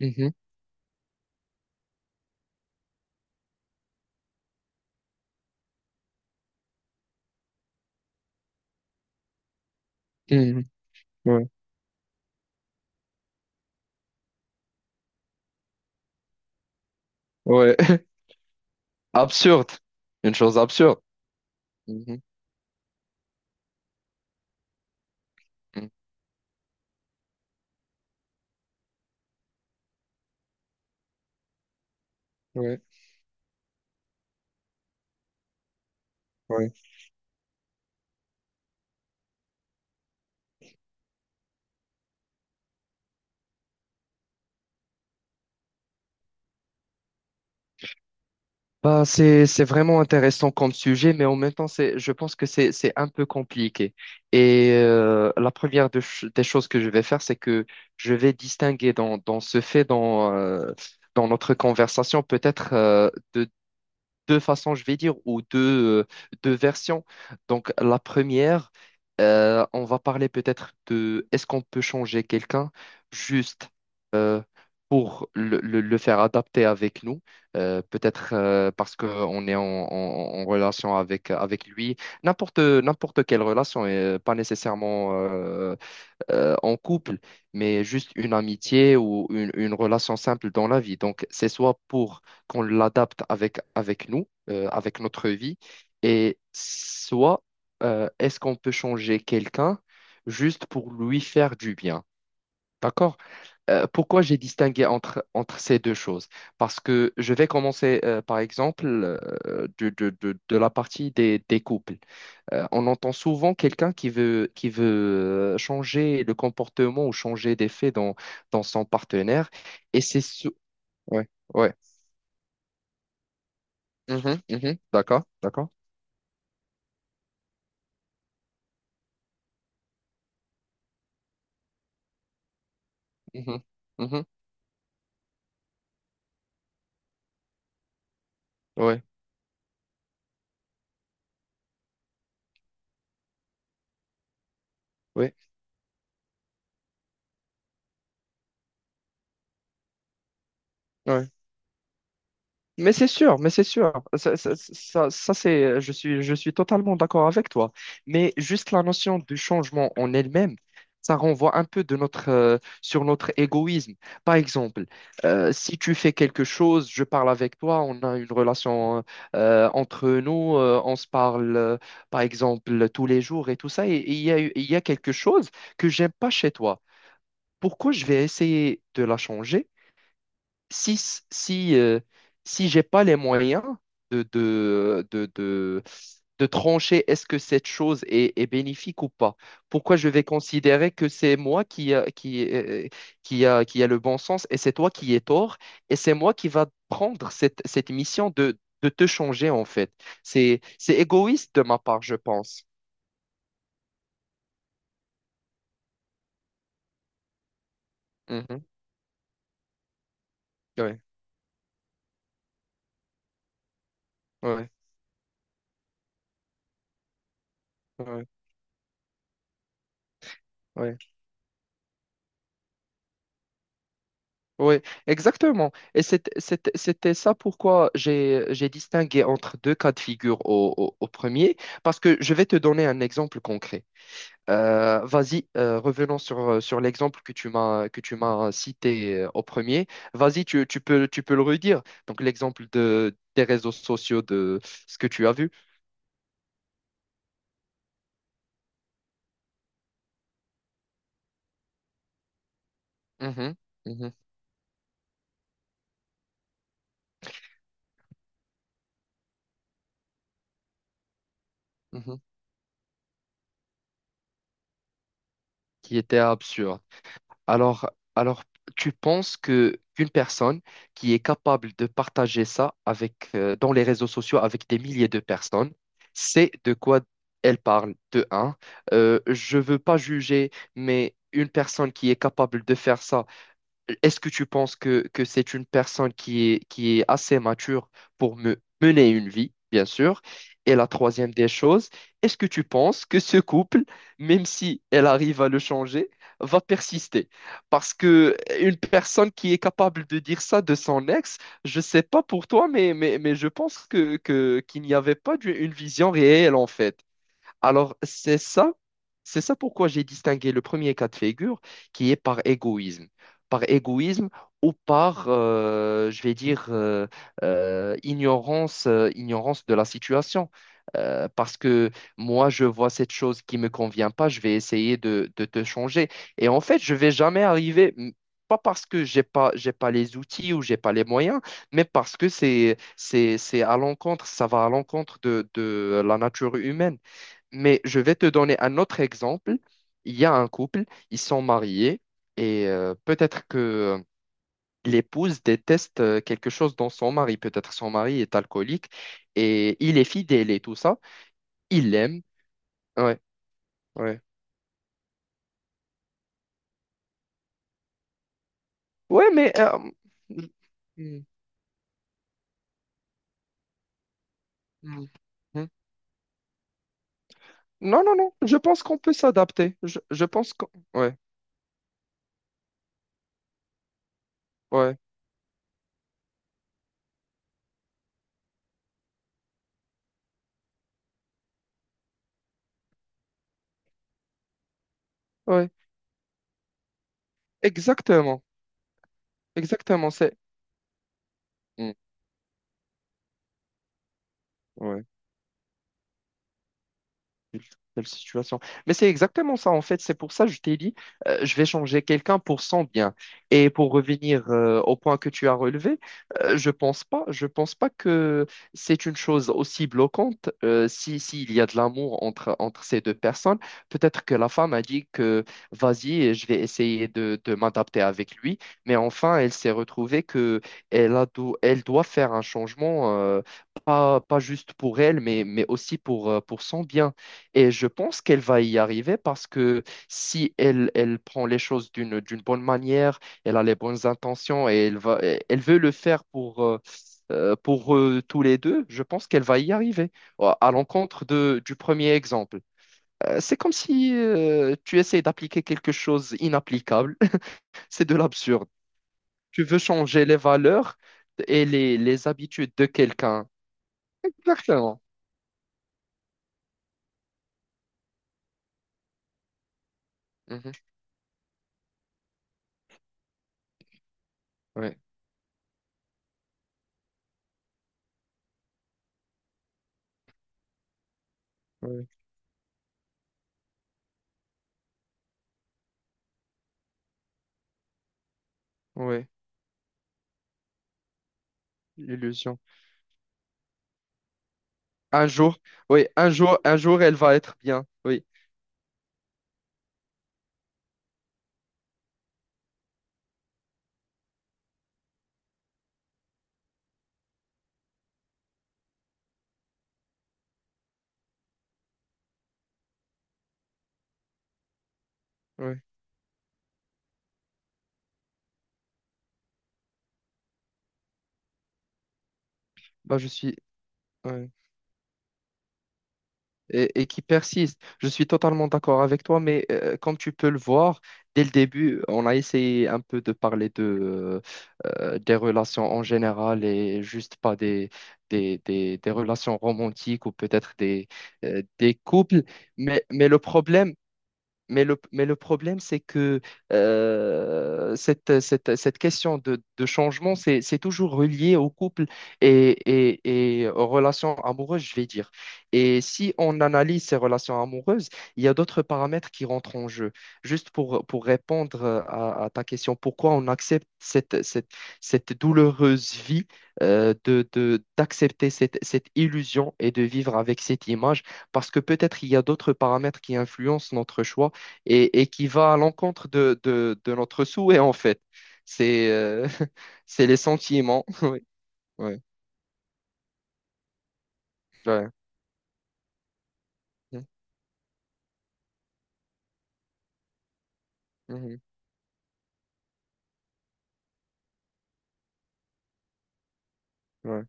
Mhm, mhm. Ouais, ouais. Absurde. Une chose absurde. Mhm, mhm. Ouais, ouais. Bah, c'est vraiment intéressant comme sujet, mais en même temps, je pense que c'est un peu compliqué. Et la première des choses que je vais faire, c'est que je vais distinguer dans ce fait, dans notre conversation, peut-être deux façons, je vais dire, ou euh, deux versions. Donc, la première, on va parler peut-être de est-ce qu'on peut changer quelqu'un juste euh, pour le faire adapter avec nous, peut-être parce qu'on est en relation avec lui, n'importe quelle relation, et pas nécessairement en couple, mais juste une amitié ou une relation simple dans la vie. Donc, c'est soit pour qu'on l'adapte avec nous, avec notre vie, et soit est-ce qu'on peut changer quelqu'un juste pour lui faire du bien. D'accord? Pourquoi j'ai distingué entre ces deux choses? Parce que je vais commencer, par exemple, de la partie des couples. On entend souvent quelqu'un qui veut changer le comportement ou changer d'effet dans son partenaire. Et c'est sou- Ouais, ouais. Mhm, mhm. D'accord, d'accord. Mhm, mhm. Ouais, ouais, ouais. Mais c'est sûr, mais c'est sûr. Ça, je suis totalement d'accord avec toi. Mais juste la notion du changement en elle-même, ça renvoie un peu sur notre égoïsme. Par exemple, si tu fais quelque chose, je parle avec toi, on a une relation entre nous, on se parle, par exemple, tous les jours et tout ça, et il y a quelque chose que j'aime pas chez toi. Pourquoi je vais essayer de la changer? si, si, euh, si j'ai pas les moyens de, de, de, de, de trancher est-ce que cette chose est bénéfique ou pas, pourquoi je vais considérer que c'est moi qui a le bon sens et c'est toi qui es tort et c'est moi qui va prendre cette mission de te changer en fait. C'est égoïste de ma part, je pense. Mhm. Ouais, ouais, ouais, ouais. Oui, exactement. Et c'était ça pourquoi j'ai distingué entre deux cas de figure au premier, parce que je vais te donner un exemple concret. Vas-y, revenons sur l'exemple que tu m'as cité au premier. Vas-y, tu peux le redire. Donc l'exemple de des réseaux sociaux de ce que tu as vu. Mhm, mhm, mhm. Qui était absurde. Alors, alors, tu penses que qu'une personne qui est capable de partager ça avec dans les réseaux sociaux avec des milliers de personnes, c'est de quoi elle parle de un. Je veux pas juger, mais une personne qui est capable de faire ça, est-ce que tu penses que c'est une personne qui est assez mature pour me mener une vie, bien sûr? Et la troisième des choses, est-ce que tu penses que ce couple, même si elle arrive à le changer, va persister? Parce que une personne qui est capable de dire ça de son ex, je sais pas pour toi, mais je pense qu'il n'y avait pas une vision réelle en fait. Alors, c'est ça pourquoi j'ai distingué le premier cas de figure qui est par égoïsme. Par égoïsme ou par, je vais dire, ignorance de la situation. Parce que moi, je vois cette chose qui ne me convient pas, je vais essayer de te changer. Et en fait, je vais jamais arriver, pas parce que j'ai pas les outils ou j'ai pas les moyens, mais parce que c'est à l'encontre, ça va à l'encontre de la nature humaine. Mais je vais te donner un autre exemple. Il y a un couple, ils sont mariés et peut-être que l'épouse déteste quelque chose dans son mari. Peut-être son mari est alcoolique et il est fidèle et tout ça. Il l'aime. Ouais, ouais. Ouais, hmm, hmm, hmm. Non, non, non. Je pense qu'on peut s'adapter. Je pense qu'on... Ouais, ouais, ouais. Exactement. Exactement. Hmm, ouais. telle telle situation. Mais c'est exactement ça, en fait. C'est pour ça que je t'ai dit, je vais changer quelqu'un pour son bien. Et pour revenir au point que tu as relevé, je pense pas que c'est une chose aussi bloquante si, s'il y a de l'amour entre ces deux personnes. Peut-être que la femme a dit que vas-y, je vais essayer de m'adapter avec lui. Mais enfin, elle s'est retrouvée que elle doit faire un changement, pas juste pour elle, mais aussi pour son bien. Et je pense qu'elle va y arriver parce que si elle prend les choses d'une bonne manière, elle a les bonnes intentions et elle veut le faire pour tous les deux, je pense qu'elle va y arriver. Oh, à l'encontre du premier exemple. C'est comme si tu essayes d'appliquer quelque chose inapplicable. C'est de l'absurde. Tu veux changer les valeurs et les habitudes de quelqu'un. Exactement. Mhm. Ouais, ouais, ouais. L'illusion. Un jour, oui, un jour, elle va être bien. Oui, oui. Bah, je suis. Ouais. Et qui persiste. Je suis totalement d'accord avec toi, mais comme tu peux le voir, dès le début, on a essayé un peu de parler des relations en général et juste pas des relations romantiques ou peut-être des couples. Mais, mais le problème, mais le problème, c'est que cette question de changement, c'est toujours relié au couple et aux relations amoureuses, je vais dire. Et si on analyse ces relations amoureuses, il y a d'autres paramètres qui rentrent en jeu. Juste pour répondre à ta question, pourquoi on accepte cette douloureuse vie d'accepter cette illusion et de vivre avec cette image? Parce que peut-être il y a d'autres paramètres qui influencent notre choix et qui va à l'encontre de notre souhait, en fait. C'est C'est les sentiments. Ouais, ouais. Mhm. Ouais,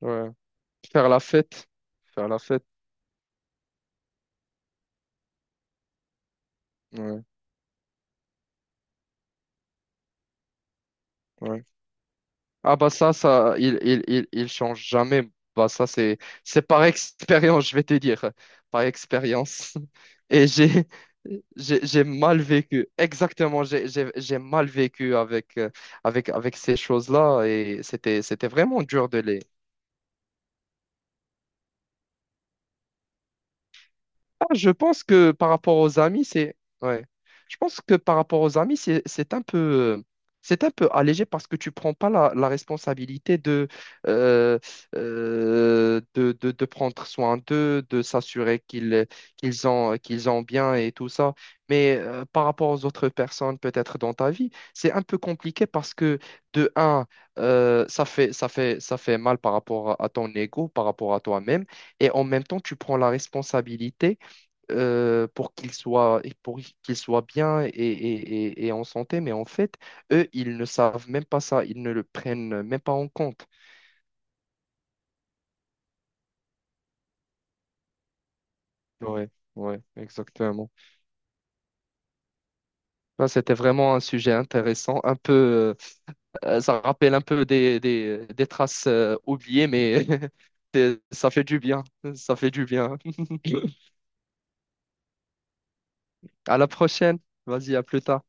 ouais. Faire la fête. Faire la fête. Ouais, ouais. Ah, bah, il change jamais. Bah ça, c'est par expérience, je vais te dire. Par expérience. Et j'ai mal vécu. Exactement, j'ai mal vécu avec ces choses-là. Et c'était vraiment dur de les. Ah, je pense que par rapport aux amis, c'est ouais. Je pense que par rapport aux amis, euh, c'est un peu allégé parce que tu prends pas la responsabilité euh, de prendre soin d'eux, de s'assurer qu'ils ont bien et tout ça. Mais par rapport aux autres personnes, peut-être dans ta vie, c'est un peu compliqué parce que de un, ça fait mal par rapport à ton ego, par rapport à toi-même, et en même temps, tu prends la responsabilité et pour qu'ils soient bien et en santé, mais en fait, eux, ils ne savent même pas ça, ils ne le prennent même pas en compte. Ouais, ouais, exactement. Ça, c'était vraiment un sujet intéressant, un peu, ça rappelle un peu des traces oubliées, mais ça fait du bien, ça fait du bien. À la prochaine, vas-y, à plus tard.